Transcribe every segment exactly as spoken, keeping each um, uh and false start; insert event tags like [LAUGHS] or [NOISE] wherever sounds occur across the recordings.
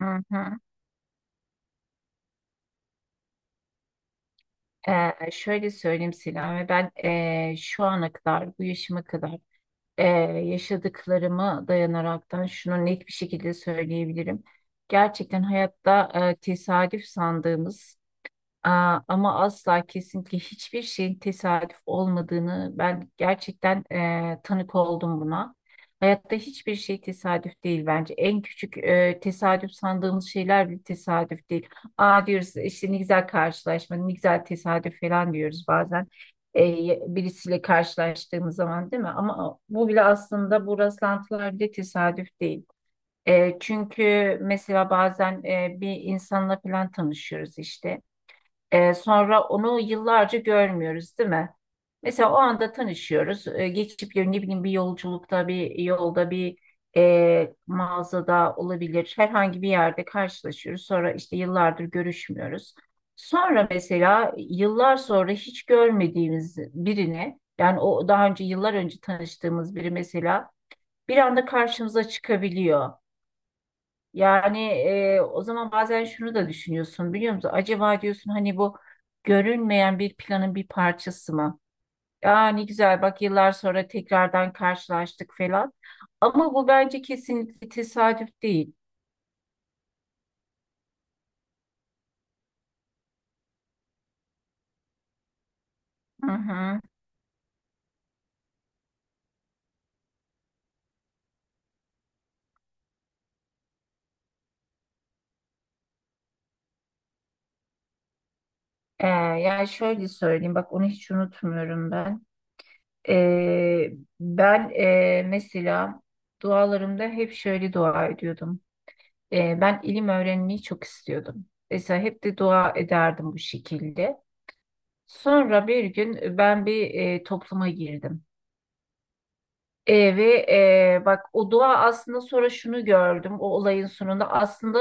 Hı hı. Ee, şöyle söyleyeyim Selami, ben ee, şu ana kadar, bu yaşıma kadar ee, yaşadıklarımı dayanaraktan şunu net bir şekilde söyleyebilirim. Gerçekten hayatta ee, tesadüf sandığımız... Aa, ama asla kesinlikle hiçbir şeyin tesadüf olmadığını ben gerçekten e, tanık oldum buna. Hayatta hiçbir şey tesadüf değil bence. En küçük e, tesadüf sandığımız şeyler bile tesadüf değil. Aa diyoruz işte, ne güzel karşılaşma, ne güzel tesadüf falan diyoruz bazen. E, Birisiyle karşılaştığımız zaman, değil mi? Ama bu bile, aslında bu rastlantılar bile tesadüf değil. E, çünkü mesela bazen e, bir insanla falan tanışıyoruz işte. Ee, sonra onu yıllarca görmüyoruz, değil mi? Mesela o anda tanışıyoruz. Ee, geçip gö- ne bileyim, bir yolculukta, bir yolda, bir e, mağazada olabilir. Herhangi bir yerde karşılaşıyoruz. Sonra işte yıllardır görüşmüyoruz. Sonra mesela yıllar sonra hiç görmediğimiz birini, yani o daha önce yıllar önce tanıştığımız biri mesela bir anda karşımıza çıkabiliyor. Yani e, o zaman bazen şunu da düşünüyorsun, biliyor musun? Acaba diyorsun, hani bu görünmeyen bir planın bir parçası mı? Aa, ne güzel bak, yıllar sonra tekrardan karşılaştık falan. Ama bu bence kesinlikle tesadüf değil. Hı hı. E, yani şöyle söyleyeyim bak, onu hiç unutmuyorum ben. E, Ben e, mesela dualarımda hep şöyle dua ediyordum. E, ben ilim öğrenmeyi çok istiyordum. Mesela hep de dua ederdim bu şekilde. Sonra bir gün e, ben bir e, topluma girdim. E, ve e, bak, o dua aslında, sonra şunu gördüm o olayın sonunda, aslında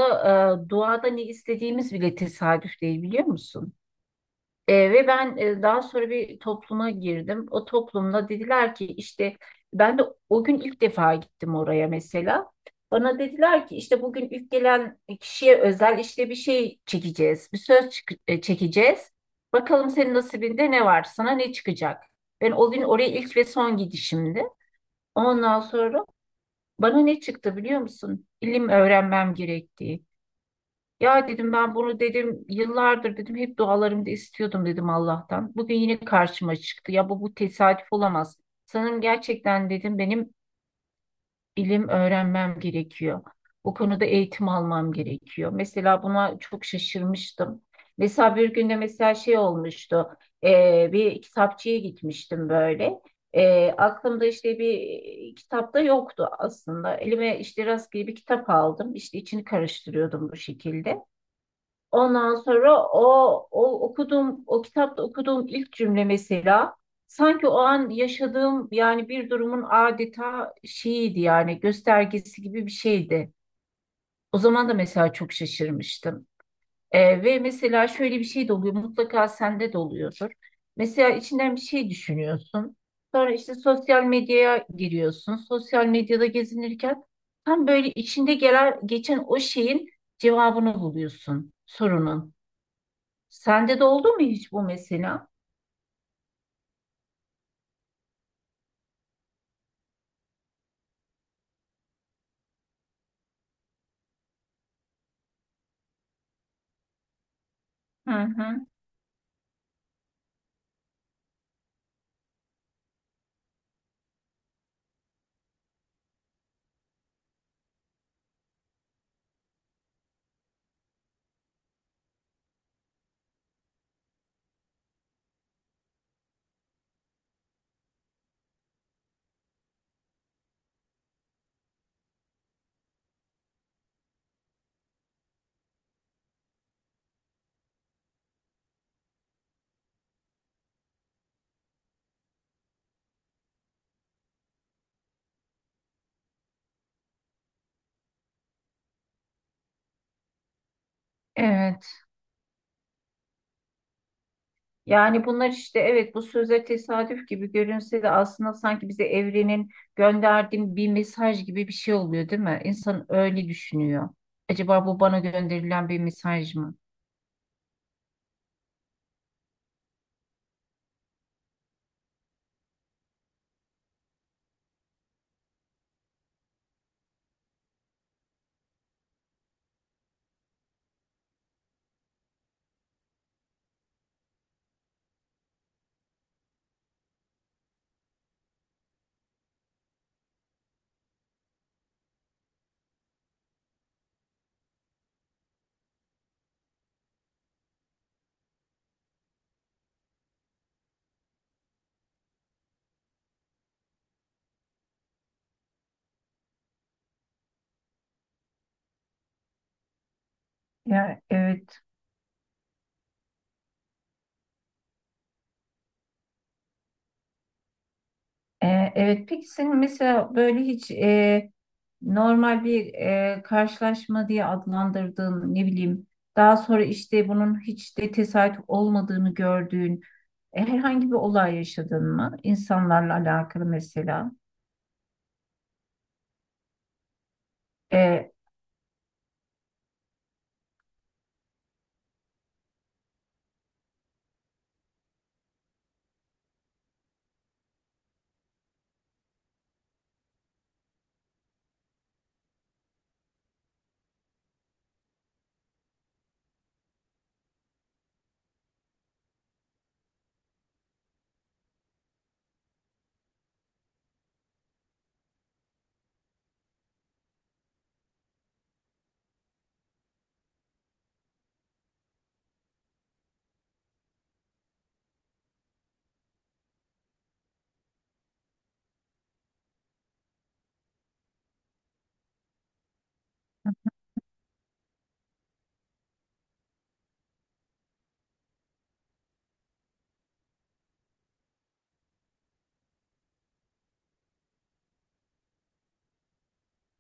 e, duada ne istediğimiz bile tesadüf değil, biliyor musun? E, ve ben e, daha sonra bir topluma girdim. O toplumda dediler ki işte, ben de o gün ilk defa gittim oraya mesela. Bana dediler ki işte, bugün ilk gelen kişiye özel işte bir şey çekeceğiz. Bir söz çık- e, çekeceğiz. Bakalım senin nasibinde ne var? Sana ne çıkacak? Ben o gün oraya ilk ve son gidişimdi. Ondan sonra bana ne çıktı, biliyor musun? İlim öğrenmem gerektiği. Ya dedim, ben bunu dedim yıllardır, dedim hep dualarımda istiyordum, dedim Allah'tan. Bugün yine karşıma çıktı. Ya bu bu tesadüf olamaz. Sanırım gerçekten, dedim, benim ilim öğrenmem gerekiyor. Bu konuda eğitim almam gerekiyor. Mesela buna çok şaşırmıştım. Mesela bir günde mesela şey olmuştu. Ee, bir kitapçıya gitmiştim böyle. Ee, aklımda işte bir e, kitap da yoktu aslında. Elime işte rastgele bir kitap aldım. İşte içini karıştırıyordum bu şekilde. Ondan sonra o, o okuduğum, o kitapta okuduğum ilk cümle mesela sanki o an yaşadığım yani bir durumun adeta şeyiydi, yani göstergesi gibi bir şeydi. O zaman da mesela çok şaşırmıştım. Ee, ve mesela şöyle bir şey de oluyor, mutlaka sende de oluyordur. Mesela içinden bir şey düşünüyorsun. Sonra işte sosyal medyaya giriyorsun. Sosyal medyada gezinirken tam böyle içinde gelen geçen o şeyin cevabını buluyorsun, sorunun. Sende de oldu mu hiç bu mesela? Hı hı. Evet. Yani bunlar işte, evet, bu söze tesadüf gibi görünse de aslında sanki bize evrenin gönderdiği bir mesaj gibi bir şey oluyor, değil mi? İnsan öyle düşünüyor. Acaba bu bana gönderilen bir mesaj mı? Ya evet. Ee, evet, peki senin mesela böyle hiç e, normal bir e, karşılaşma diye adlandırdığın, ne bileyim, daha sonra işte bunun hiç de tesadüf olmadığını gördüğün e, herhangi bir olay yaşadın mı? İnsanlarla alakalı mesela. E,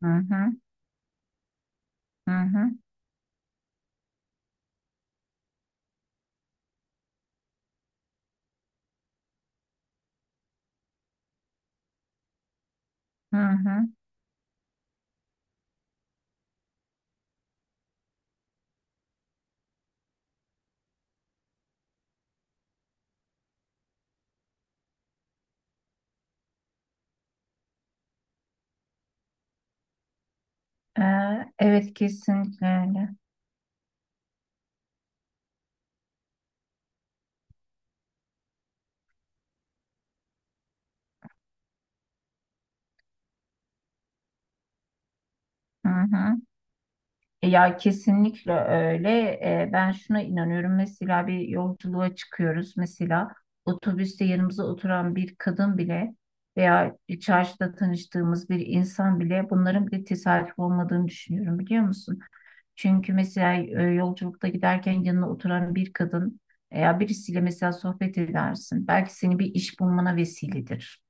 hı hı, hı hı, hı hı. Ee, evet, kesinlikle öyle. Hı hı. E, Ya kesinlikle öyle. E, ben şuna inanıyorum. Mesela bir yolculuğa çıkıyoruz. Mesela otobüste yanımıza oturan bir kadın bile veya çarşıda tanıştığımız bir insan bile, bunların bir tesadüf olmadığını düşünüyorum, biliyor musun? Çünkü mesela e, yolculukta giderken yanına oturan bir kadın veya birisiyle mesela sohbet edersin. Belki seni bir iş bulmana vesiledir.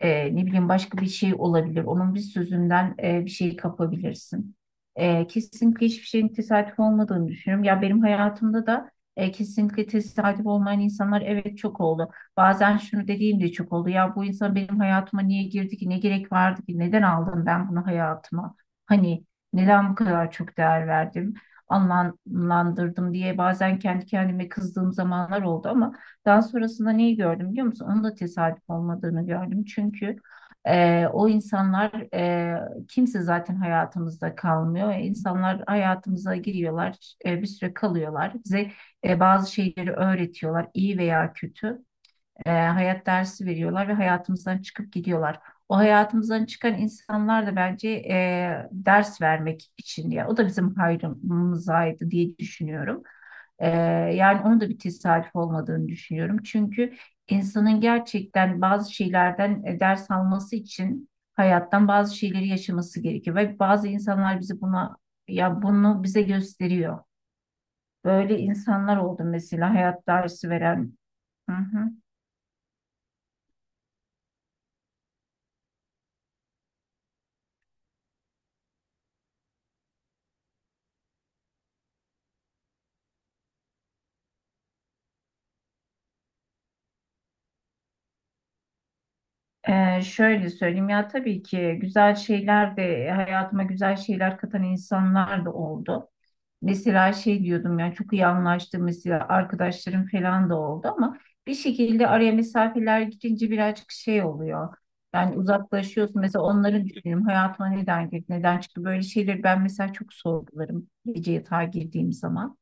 E, ne bileyim, başka bir şey olabilir. Onun bir sözünden e, bir şey kapabilirsin. E, kesinlikle hiçbir şeyin tesadüf olmadığını düşünüyorum. Ya benim hayatımda da e, kesinlikle tesadüf olmayan insanlar, evet, çok oldu. Bazen şunu dediğim de çok oldu. Ya bu insan benim hayatıma niye girdi ki? Ne gerek vardı ki? Neden aldım ben bunu hayatıma? Hani neden bu kadar çok değer verdim, anlamlandırdım diye bazen kendi kendime kızdığım zamanlar oldu, ama daha sonrasında neyi gördüm, biliyor musun? Onun da tesadüf olmadığını gördüm. Çünkü e, o insanlar, e, kimse zaten hayatımızda kalmıyor. İnsanlar hayatımıza giriyorlar, e, bir süre kalıyorlar. Bize e, bazı şeyleri öğretiyorlar, iyi veya kötü e, hayat dersi veriyorlar ve hayatımızdan çıkıp gidiyorlar. O hayatımızdan çıkan insanlar da bence e, ders vermek için, ya o da bizim hayrımızaydı diye düşünüyorum. E, Yani onun da bir tesadüf olmadığını düşünüyorum. Çünkü insanın gerçekten bazı şeylerden e, ders alması için hayattan bazı şeyleri yaşaması gerekiyor ve bazı insanlar bizi buna, ya bunu bize gösteriyor. Böyle insanlar oldu mesela, hayat dersi veren. Hı hı. Ee, şöyle söyleyeyim, ya tabii ki güzel şeyler de, hayatıma güzel şeyler katan insanlar da oldu. Mesela şey diyordum, yani çok iyi anlaştığım mesela arkadaşlarım falan da oldu, ama bir şekilde araya mesafeler girince birazcık şey oluyor. Yani uzaklaşıyorsun mesela, onları düşünüyorum hayatıma neden girdi neden çıktı, böyle şeyleri ben mesela çok sorgularım gece yatağa girdiğim zaman.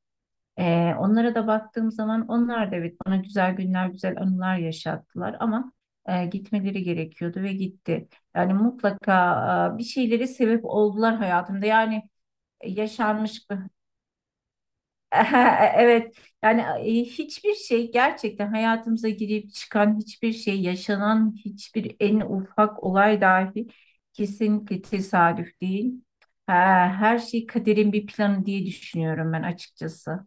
Ee, onlara da baktığım zaman onlar da evet, bana güzel günler, güzel anılar yaşattılar ama e, gitmeleri gerekiyordu ve gitti. Yani mutlaka e, bir şeylere sebep oldular hayatımda. Yani e, yaşanmış. [LAUGHS] Evet, yani e, hiçbir şey, gerçekten hayatımıza girip çıkan hiçbir şey, yaşanan hiçbir en ufak olay dahi kesinlikle tesadüf değil. Ha, her şey kaderin bir planı diye düşünüyorum ben, açıkçası.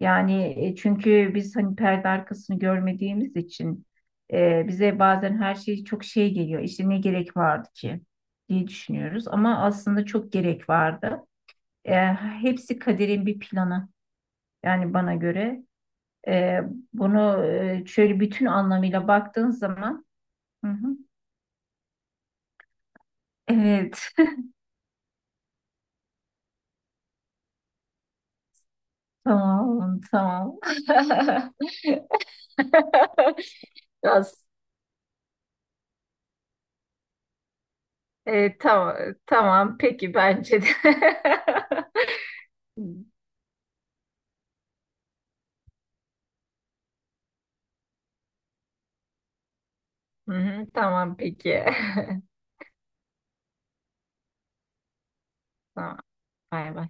Yani e, çünkü biz hani perde arkasını görmediğimiz için e, bize bazen her şey çok şey geliyor. İşte ne gerek vardı ki diye düşünüyoruz. Ama aslında çok gerek vardı. E, hepsi kaderin bir planı, yani bana göre. E, Bunu e, şöyle bütün anlamıyla baktığın zaman... Hı hı. Evet. [LAUGHS] Tamam, tamam. [LAUGHS] Biraz, e, tamam, tamam peki, bence de. [LAUGHS] Hı hı, tamam peki. [LAUGHS] Tamam. Bay bay.